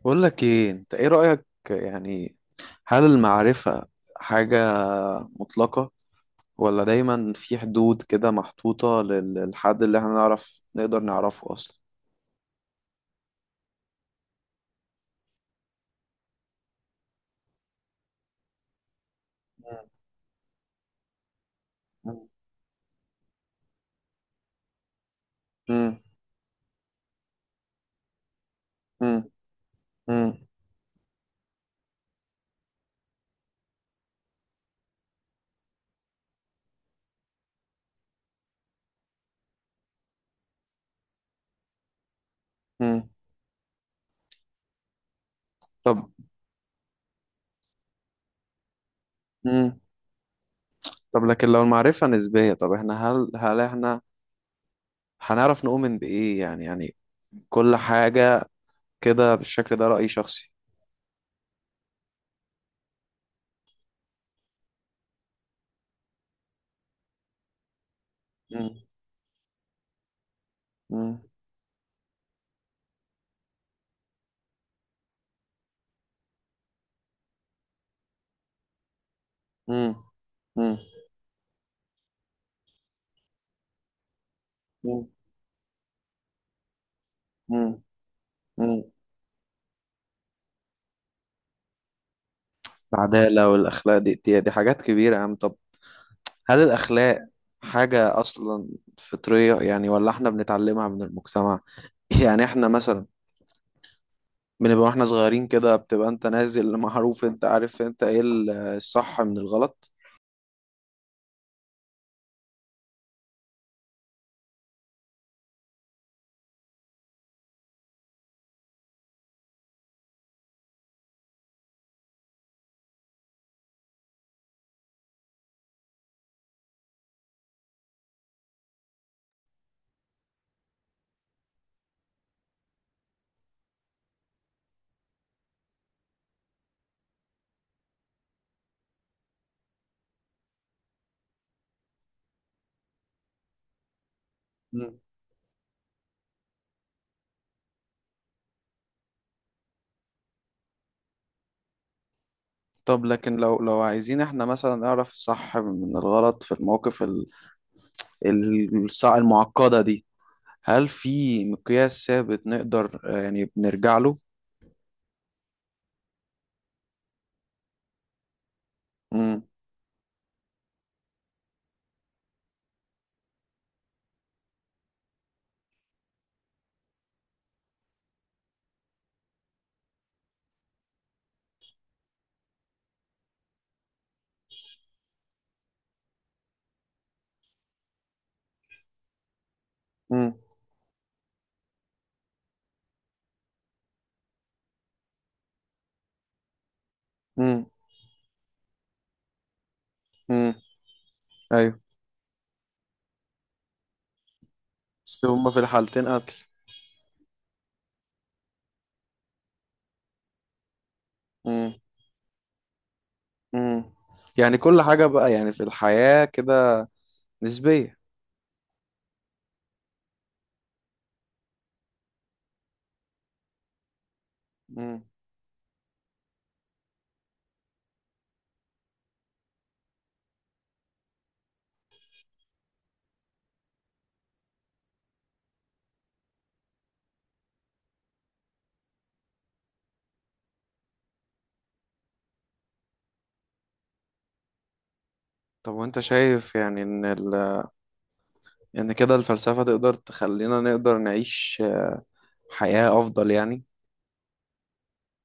بقول لك ايه، انت ايه رأيك يعني؟ هل المعرفة حاجة مطلقة، ولا دايما في حدود كده محطوطة للحد اللي احنا نعرف نقدر نعرفه اصلا؟ مم. مم. مم. مم. مم. طب. مم. طب لكن لو المعرفة نسبية، طب احنا هل احنا هنعرف نؤمن بإيه يعني؟ كل حاجة كده بالشكل ده رأي شخصي. مم. مم. مم. مم. مم. مم. العدالة والأخلاق دي, دي حاجات كبيرة يا عم. طب، هل الأخلاق حاجة أصلا فطرية يعني، ولا إحنا بنتعلمها من المجتمع؟ يعني إحنا مثلا بنبقى وإحنا صغيرين كده، بتبقى أنت نازل معروف، أنت عارف أنت إيه الصح من الغلط. مم. طب لكن لو عايزين إحنا مثلا نعرف الصح من الغلط في المواقف المعقدة دي، هل في مقياس ثابت نقدر، يعني، بنرجع له؟ مم. مم. مم. مم. أيوه. بس هما في الحالتين قتل. مم. مم. يعني كل حاجة بقى يعني في الحياة كده نسبية. مم. طب وانت شايف يعني ان ان كده الفلسفة تقدر تخلينا نقدر نعيش حياة افضل يعني؟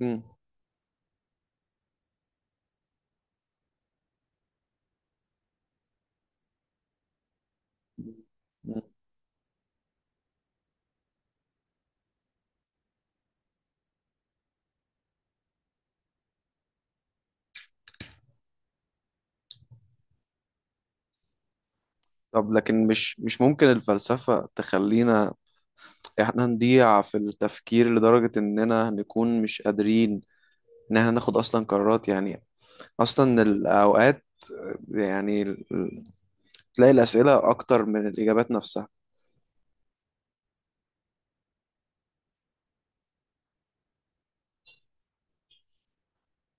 مم. مم. طب لكن مش ممكن الفلسفة تخلينا احنا نضيع في التفكير لدرجة اننا نكون مش قادرين ان احنا ناخد اصلا قرارات يعني، اصلا الاوقات، يعني تلاقي الأسئلة أكتر من الإجابات نفسها.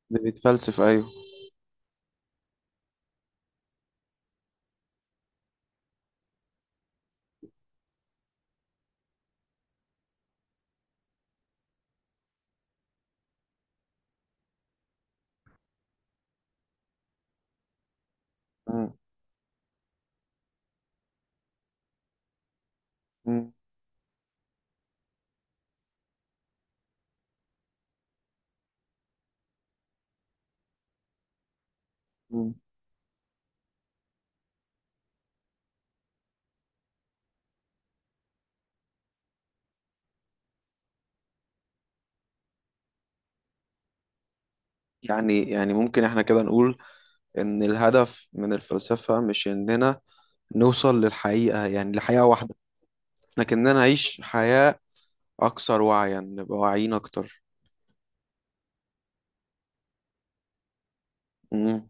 بنتفلسف، ايوه. مم. مم. مم. يعني ممكن احنا كده نقول إن الهدف من الفلسفة مش إننا نوصل للحقيقة، يعني لحقيقة واحدة، لكننا نعيش حياة أكثر وعيا، نبقى واعيين أكتر. مم.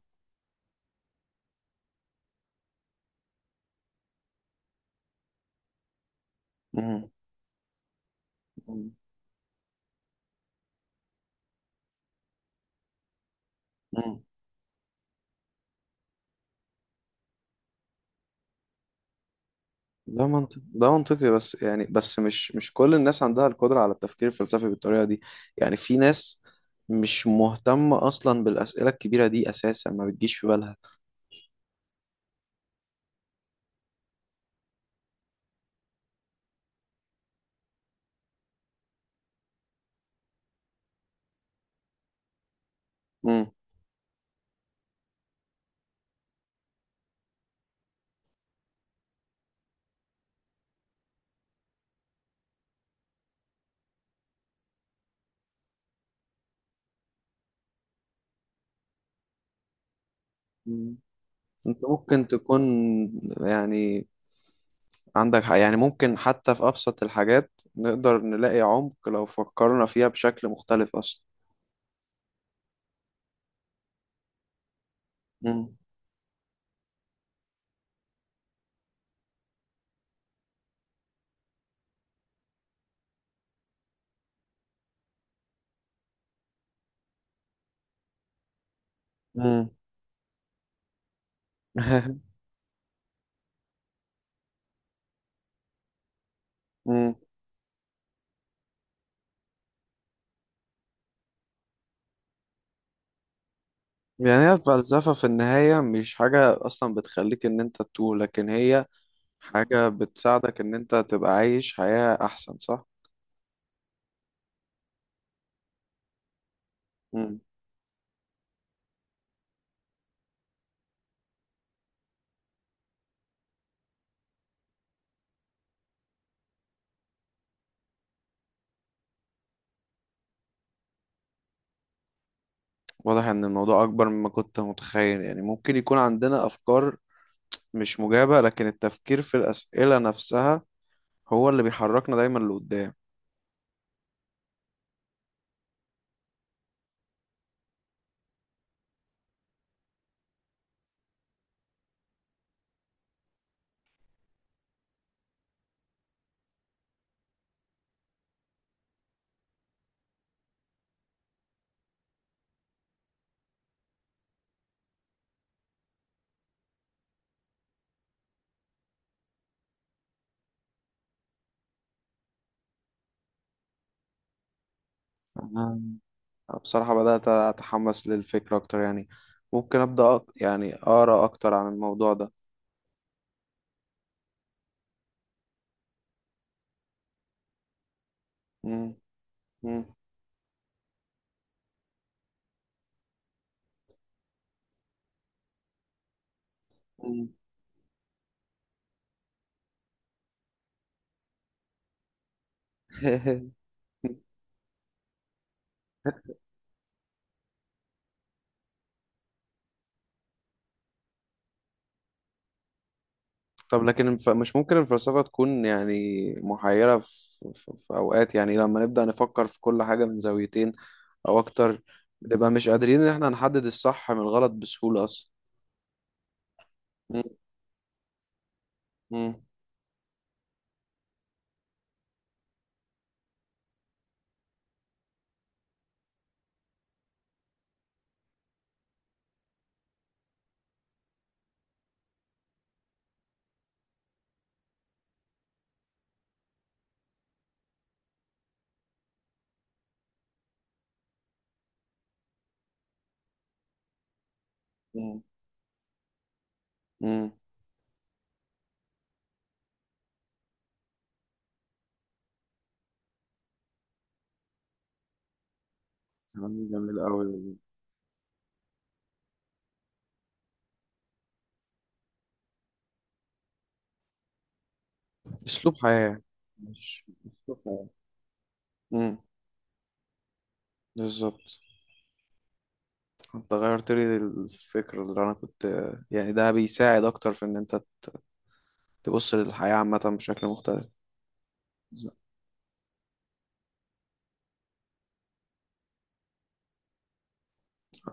مم. مم. مم. ده منطقي، ده منطقي، بس يعني بس مش كل الناس عندها القدرة على التفكير الفلسفي بالطريقة دي. يعني في ناس مش مهتمة أصلا بالأسئلة الكبيرة دي، أساسا ما بتجيش في بالها. مم. انت ممكن تكون يعني عندك حق، يعني ممكن حتى في أبسط الحاجات نقدر نلاقي عمق لو فكرنا فيها بشكل مختلف أصلا. مم. مم. مم. يعني هي الفلسفة في النهاية مش حاجة أصلا بتخليك إن أنت تتوه، لكن هي حاجة بتساعدك إن أنت تبقى عايش حياة أحسن، صح؟ مم. واضح إن الموضوع أكبر مما كنت متخيل، يعني ممكن يكون عندنا أفكار مش مجابة، لكن التفكير في الأسئلة نفسها هو اللي بيحركنا دايما لقدام. آه. بصراحة بدأت أتحمس للفكرة أكتر يعني. ممكن أبدأ يعني أقرأ أكتر عن الموضوع ده. مم. مم. مم. طب لكن مش ممكن الفلسفة تكون يعني محيرة في أوقات يعني، لما نبدأ نفكر في كل حاجة من زاويتين أو أكتر، بنبقى مش قادرين إن إحنا نحدد الصح من الغلط بسهولة أصلا؟ مم. مم. مم. مم. كلام جميل أوي. أسلوب حياة. مش أسلوب حياة. امم بالظبط. انت غيرت لي الفكرة اللي انا كنت، يعني ده بيساعد اكتر في ان انت تبص للحياة عامة بشكل مختلف.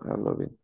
يلا بينا.